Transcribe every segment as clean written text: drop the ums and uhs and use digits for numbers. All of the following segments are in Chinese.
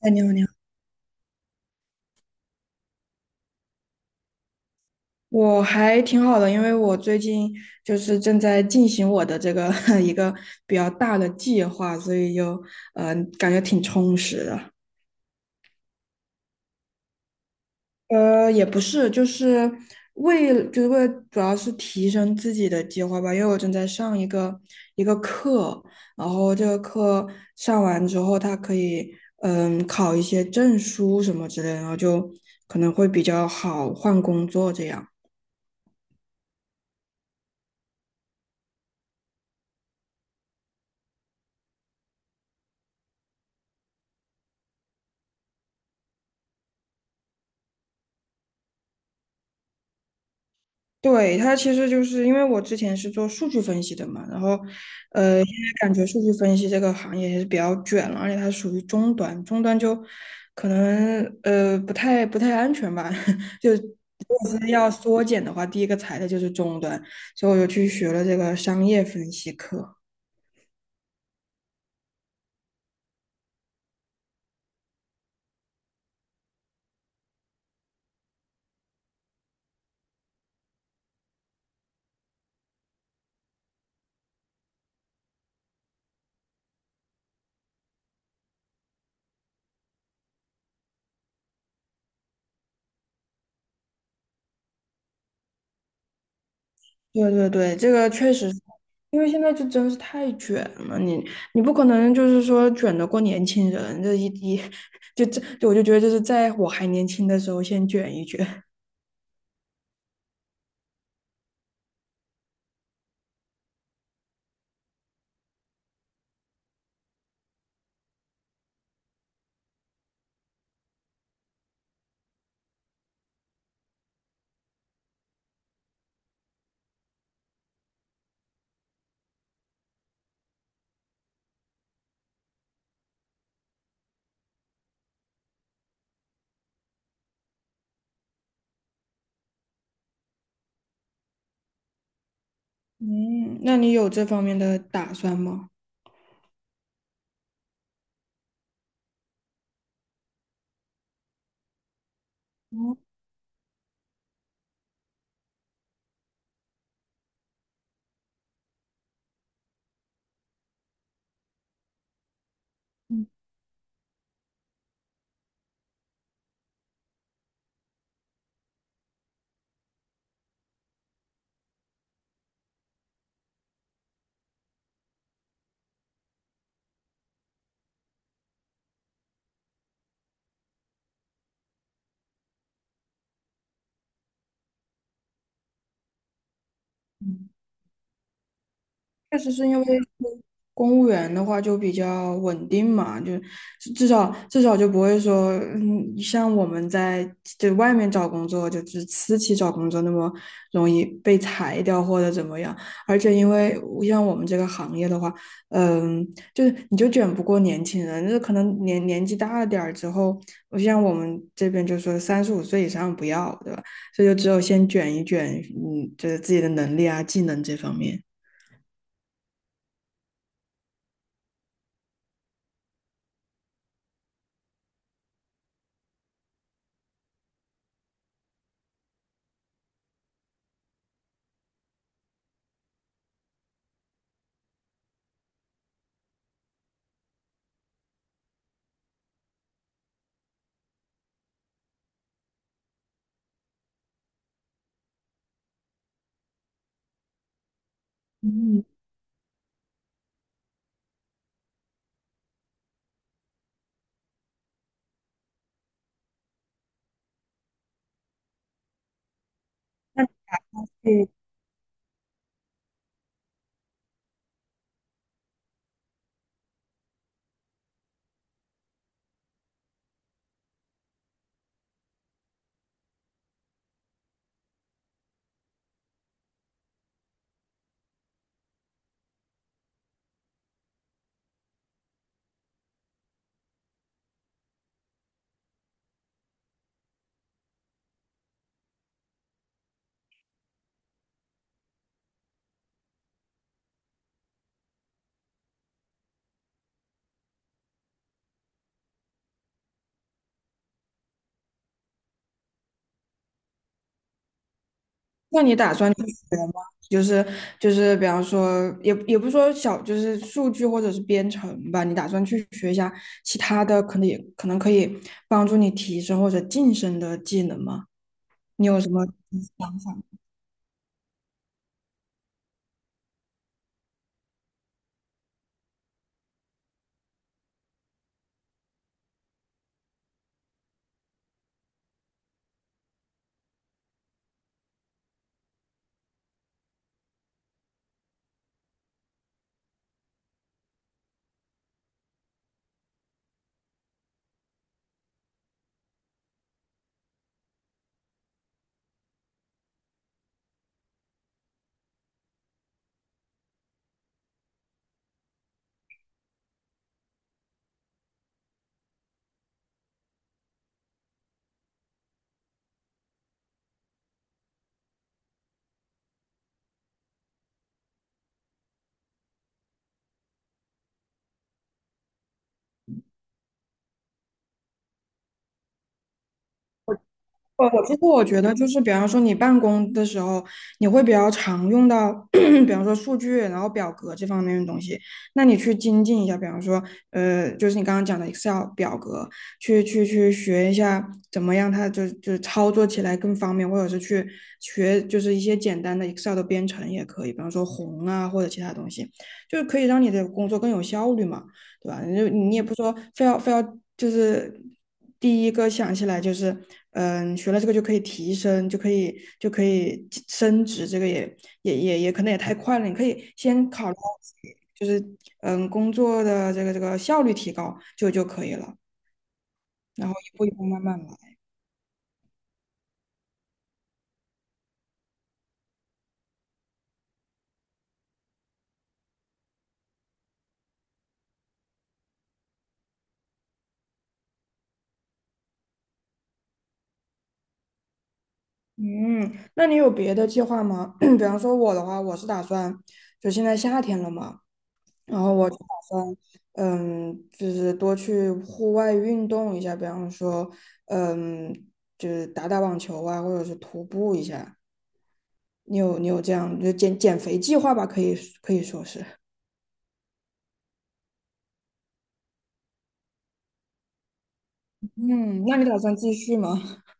哎，你好，你好。我还挺好的，因为我最近就是正在进行我的这个 一个比较大的计划，所以就感觉挺充实的。呃，也不是，就是为了主要是提升自己的计划吧，因为我正在上一个课，然后这个课上完之后，它可以嗯考一些证书什么之类的，然后就可能会比较好换工作这样。对，它其实就是因为我之前是做数据分析的嘛，然后，呃，现在感觉数据分析这个行业也是比较卷了，而且它属于中端，中端就可能不太安全吧，就如果是要缩减的话，第一个裁的就是中端，所以我就去学了这个商业分析课。对对对，这个确实是因为现在就真是太卷了，你不可能就是说卷得过年轻人，这 就这，就我就觉得就是在我还年轻的时候先卷一卷。嗯，那你有这方面的打算吗？哦，确实是因为公务员的话就比较稳定嘛，就至少就不会说，像我们在就外面找工作，就是私企找工作那么容易被裁掉或者怎么样。而且因为像我们这个行业的话，嗯，就是你就卷不过年轻人，就是可能年纪大了点儿之后，我像我们这边就说35岁以上不要，对吧？所以就只有先卷一卷，嗯，就是自己的能力啊、技能这方面。那你打算去学吗？就是就是，比方说，也不是说小，就是数据或者是编程吧。你打算去学一下其他的，可能可以帮助你提升或者晋升的技能吗？你有什么想法？我其实我觉得就是，比方说你办公的时候，你会比较常用到，比方说数据，然后表格这方面的东西。那你去精进一下，比方说，呃，就是你刚刚讲的 Excel 表格，去学一下怎么样它就操作起来更方便，或者是去学就是一些简单的 Excel 的编程也可以，比方说宏啊或者其他东西，就是可以让你的工作更有效率嘛。对吧？你也不说非要就是第一个想起来就是嗯，学了这个就可以提升，就可以升职，这个也可能也太快了。你可以先考虑到自己就是嗯工作的这个效率提高就可以了，然后一步一步慢慢来。嗯，那你有别的计划吗？比方说我的话，我是打算就现在夏天了嘛，然后我就打算，嗯，就是多去户外运动一下，比方说，嗯，就是打打网球啊，或者是徒步一下。你有这样就减减肥计划吧？可以可以说是。嗯，那你打算继续吗？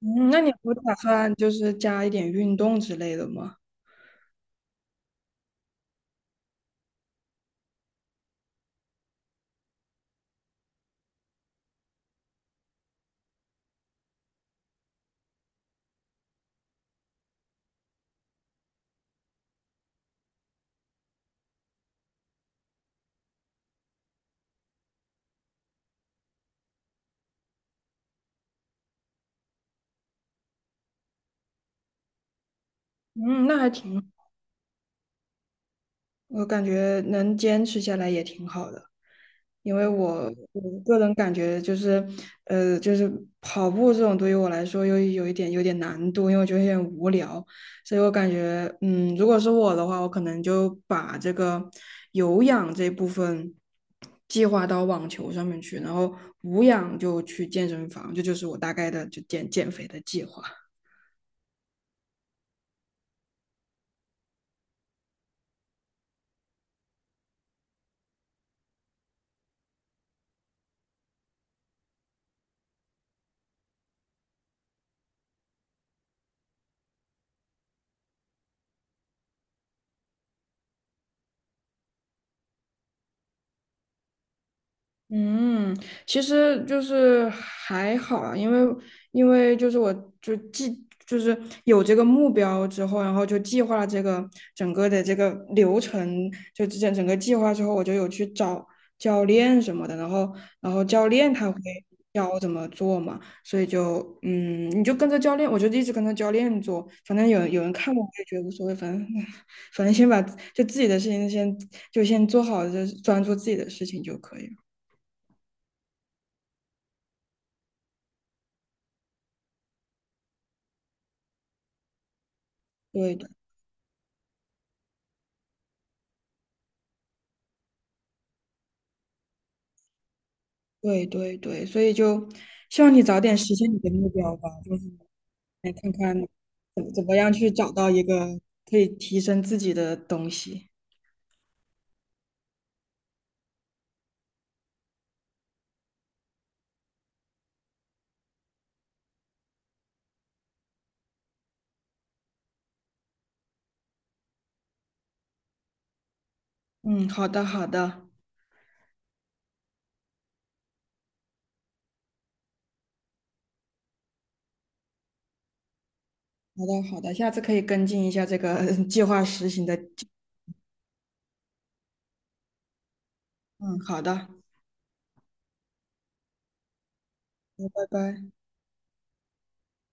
嗯，那你不打算就是加一点运动之类的吗？嗯，那还挺，我感觉能坚持下来也挺好的。因为我个人感觉就是，呃，就是跑步这种对于我来说有一点有点难度，因为我觉得有点无聊，所以我感觉，嗯，如果是我的话，我可能就把这个有氧这部分计划到网球上面去，然后无氧就去健身房，这就是我大概的就减减肥的计划。嗯，其实就是还好啊，因为就是我就计就是有这个目标之后，然后就计划这个整个的这个流程，就之前整个计划之后，我就有去找教练什么的，然后教练他会教我怎么做嘛，所以就嗯，你就跟着教练，我就一直跟着教练做，反正有人看我，我也觉得无所谓，反正 反正先把就自己的事情先做好，就是专注自己的事情就可以了。对的，对对对，所以就希望你早点实现你的目标吧，来看看怎么样去找到一个可以提升自己的东西。嗯，好的，好的，好的，好的，下次可以跟进一下这个 计划实行的进嗯，好的，那拜拜。